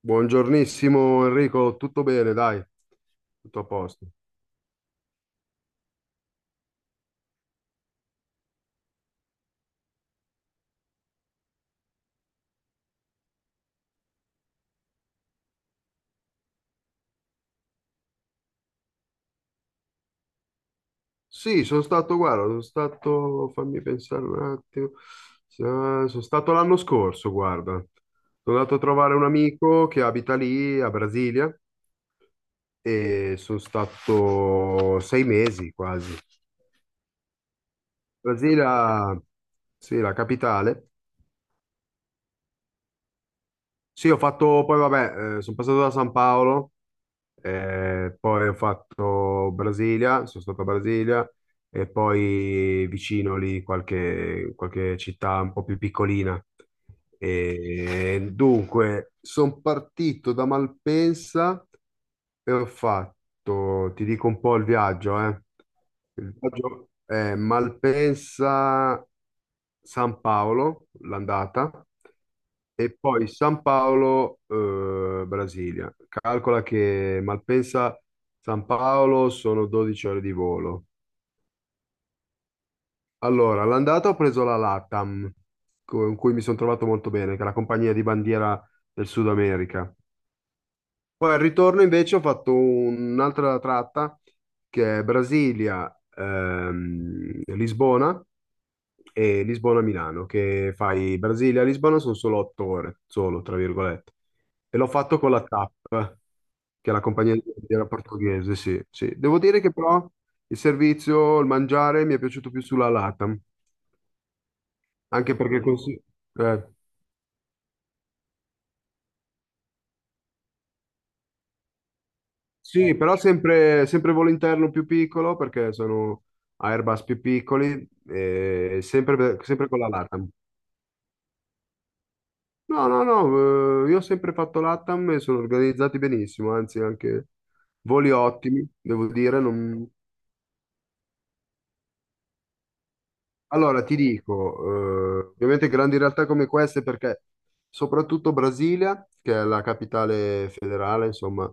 Buongiornissimo Enrico, tutto bene, dai, tutto a posto. Sì, sono stato, guarda, fammi pensare un attimo. Sono stato l'anno scorso, guarda, sono andato a trovare un amico che abita lì a Brasilia, e sono stato 6 mesi quasi. Brasilia, sì, la capitale. Sì, ho fatto, poi vabbè, sono passato da San Paolo, poi ho fatto Brasilia, sono stato a Brasilia e poi vicino lì qualche città un po' più piccolina. E dunque, sono partito da Malpensa e ho fatto, ti dico un po' il viaggio, eh. Il viaggio è Malpensa, San Paolo, l'andata, e poi San Paolo, Brasilia. Calcola che Malpensa, San Paolo sono 12 ore di volo. Allora, l'andata ho preso la LATAM, con cui mi sono trovato molto bene, che è la compagnia di bandiera del Sud America. Poi al ritorno invece ho fatto un'altra tratta, che è Brasilia, Lisbona, e Lisbona-Milano, che fai Brasilia-Lisbona sono solo 8 ore, solo, tra virgolette. E l'ho fatto con la TAP, che è la compagnia aerea portoghese, sì, sì. Devo dire che però il servizio, il mangiare mi è piaciuto più sulla LATAM, anche perché così... eh. Sì, però sempre volo interno più piccolo, perché sono Airbus più piccoli, e sempre con la LATAM. No, no, no, io ho sempre fatto LATAM e sono organizzati benissimo, anzi anche voli ottimi, devo dire. Non- allora, ti dico, ovviamente grandi realtà come queste, perché soprattutto Brasilia, che è la capitale federale, insomma,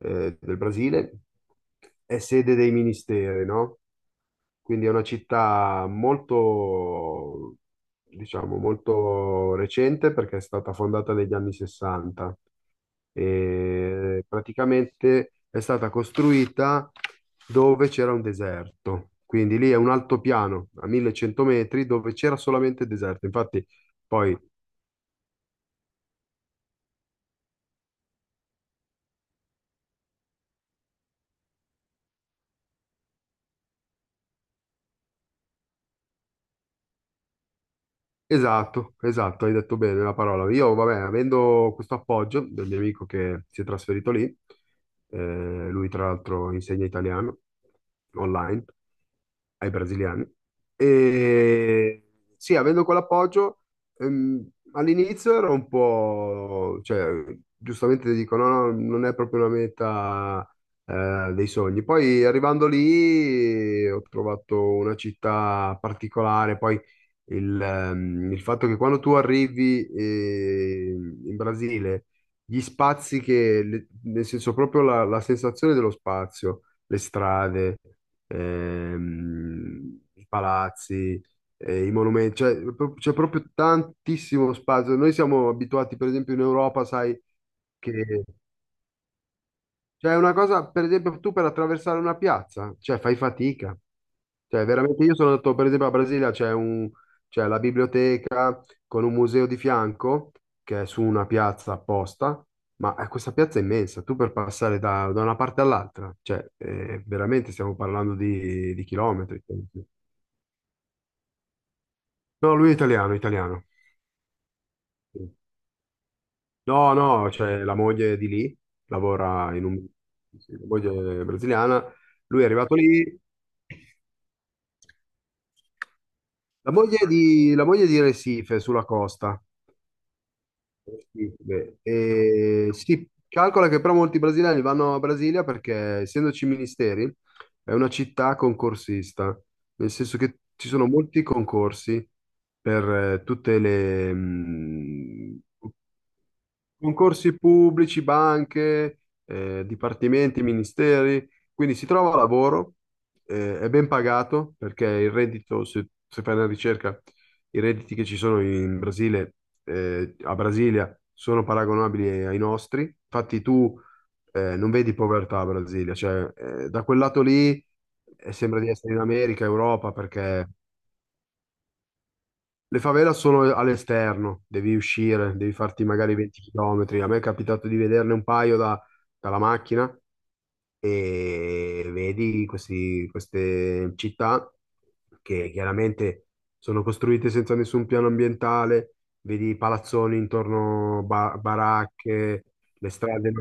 del Brasile, è sede dei ministeri, no? Quindi è una città molto, diciamo, molto recente, perché è stata fondata negli anni 60 e praticamente è stata costruita dove c'era un deserto. Quindi lì è un altopiano a 1100 metri dove c'era solamente deserto. Infatti poi esatto, esatto, hai detto bene la parola. Io, vabbè, avendo questo appoggio del mio amico che si è trasferito lì, lui tra l'altro insegna italiano online ai brasiliani, e sì, avendo quell'appoggio, ehm, all'inizio ero un po', cioè, giustamente ti dico, no, no, non è proprio una meta, dei sogni. Poi arrivando lì ho trovato una città particolare, poi il fatto che quando tu arrivi in Brasile, gli spazi che, le- nel senso proprio la sensazione dello spazio, le strade, i palazzi, i monumenti, cioè, pro- c'è proprio tantissimo spazio. Noi siamo abituati, per esempio, in Europa, sai, che... Cioè, è una cosa, per esempio, tu per attraversare una piazza, cioè fai fatica. Cioè, veramente io sono andato, per esempio, a Brasilia, c'è un- c'è la biblioteca con un museo di fianco, che è su una piazza apposta, ma questa piazza è immensa, tu per passare da una parte all'altra, cioè, veramente stiamo parlando di chilometri. No, lui è italiano, italiano. Sì. No, no, c'è la moglie di lì, lavora in un... Sì, la moglie è brasiliana, lui è arrivato lì, la moglie è di, la moglie è di Recife, sulla costa. Beh, sì, calcola che però molti brasiliani vanno a Brasilia perché, essendoci ministeri, è una città concorsista, nel senso che ci sono molti concorsi per tutte le, concorsi pubblici, banche, dipartimenti, ministeri, quindi si trova lavoro, è ben pagato perché il reddito, se fai una ricerca, i redditi che ci sono in Brasile, a Brasilia, sono paragonabili ai nostri. Infatti tu, non vedi povertà a Brasilia, cioè, da quel lato lì, sembra di essere in America, Europa, perché le favelas sono all'esterno, devi uscire, devi farti magari 20 km. A me è capitato di vederne un paio da- dalla macchina, e vedi questi- queste città che chiaramente sono costruite senza nessun piano ambientale, vedi palazzoni intorno, ba- baracche, le strade.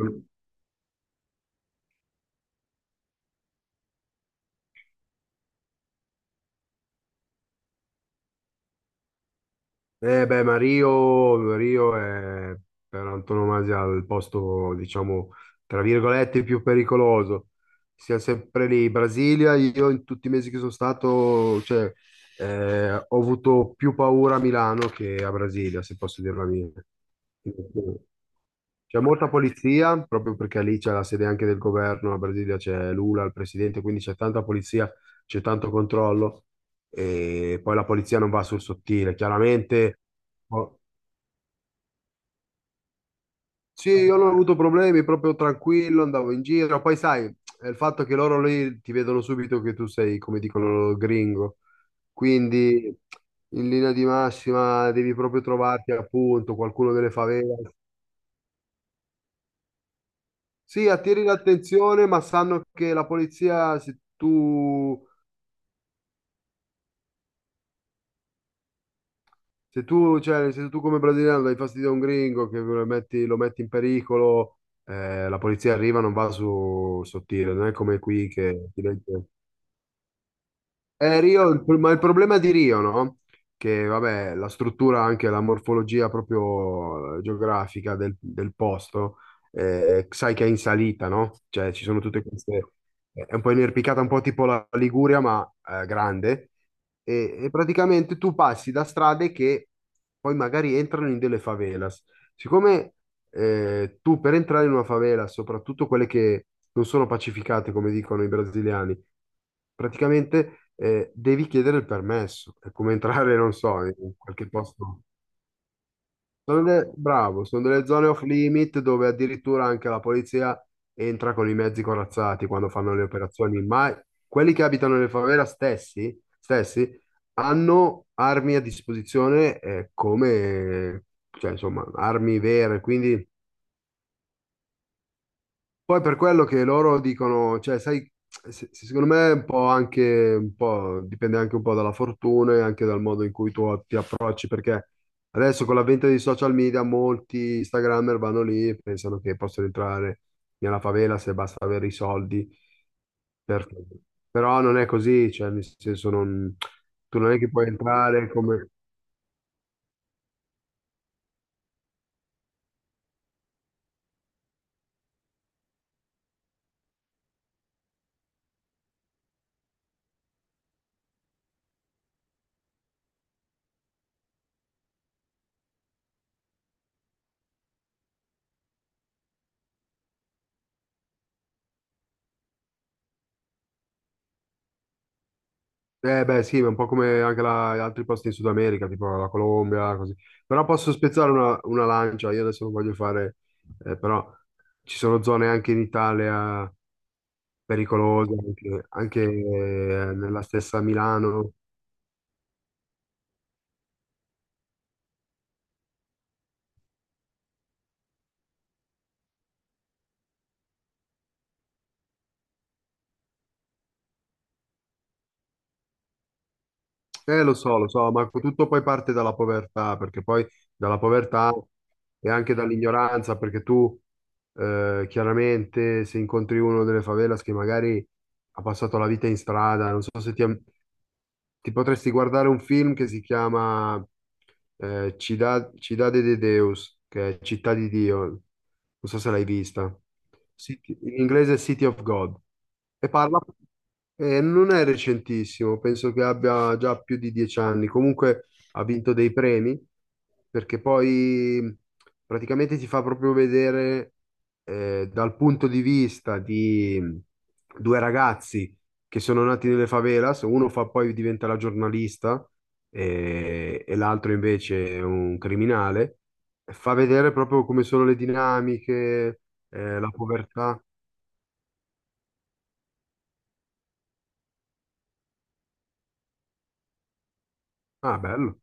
Eh beh, Mario, Mario è per antonomasia il posto, diciamo, tra virgolette, più pericoloso. Siamo sempre lì. Brasilia, io in tutti i mesi che sono stato, cioè, ho avuto più paura a Milano che a Brasilia, se posso dirla mia. C'è molta polizia, proprio perché lì c'è la sede anche del governo, la Brasilia c'è Lula, il presidente, quindi c'è tanta polizia, c'è tanto controllo, e poi la polizia non va sul sottile. Chiaramente, oh, sì, io non ho avuto problemi, proprio tranquillo, andavo in giro. Poi sai, è il fatto che loro lì ti vedono subito che tu sei, come dicono loro, gringo. Quindi in linea di massima devi proprio trovarti appunto qualcuno delle favela. Sì, attiri l'attenzione, ma sanno che la polizia, se tu, se tu, cioè, se tu come brasiliano dai fastidio a un gringo, che lo metti in pericolo, la polizia arriva, non va su sottile, non è come qui che ti legge. Rio, ma il problema di Rio, no? Che vabbè, la struttura, anche la morfologia proprio geografica del posto, sai che è in salita, no? Cioè ci sono tutte queste... è un po' inerpicata, un po' tipo la Liguria, ma grande. E e praticamente tu passi da strade che poi magari entrano in delle favelas. Siccome tu per entrare in una favela, soprattutto quelle che non sono pacificate, come dicono i brasiliani, praticamente devi chiedere il permesso. È come entrare, non so, in qualche posto. Sono delle- bravo, sono delle zone off limit dove addirittura anche la polizia entra con i mezzi corazzati quando fanno le operazioni, ma quelli che abitano nelle favela stessi hanno armi a disposizione come, cioè, insomma, armi vere. Quindi poi per quello che loro dicono, cioè, sai, se secondo me è un po' anche, un po', dipende anche un po' dalla fortuna e anche dal modo in cui tu ti approcci, perché adesso con l'avvento dei social media molti Instagrammer vanno lì e pensano che possono entrare nella favela, se basta avere i soldi. Per- però non è così, cioè, nel senso, non- tu non è che puoi entrare come... Eh beh sì, ma un po' come anche la- altri posti in Sud America, tipo la Colombia, così. Però posso spezzare una lancia, io adesso non voglio fare, però ci sono zone anche in Italia pericolose, anche, anche, nella stessa Milano. Lo so, ma tutto poi parte dalla povertà, perché poi dalla povertà e anche dall'ignoranza, perché tu chiaramente se incontri uno delle favelas che magari ha passato la vita in strada, non so se ti, ti potresti guardare un film che si chiama Cidade de Deus, che è Città di Dio, non so se l'hai vista. City- in inglese è City of God. E parla, non è recentissimo, penso che abbia già più di 10 anni. Comunque ha vinto dei premi, perché poi praticamente ti fa proprio vedere dal punto di vista di due ragazzi che sono nati nelle favelas, uno fa poi diventa la giornalista, e l'altro invece è un criminale, fa vedere proprio come sono le dinamiche, la povertà. Ah, bello.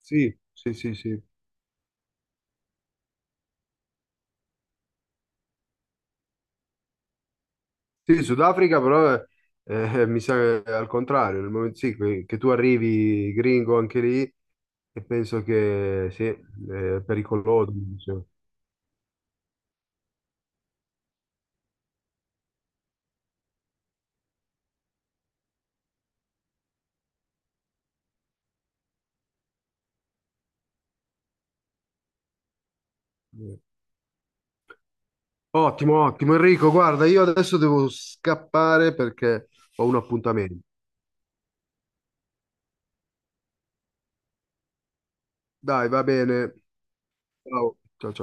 Sì, sì, sì, sì. Sì, Sudafrica però mi sa che è al contrario, nel momento sì, che tu arrivi gringo anche lì, e penso che sì, è pericoloso, diciamo. Ottimo, ottimo. Enrico, guarda, io adesso devo scappare perché ho un appuntamento. Dai, va bene. Ciao, ciao, ciao.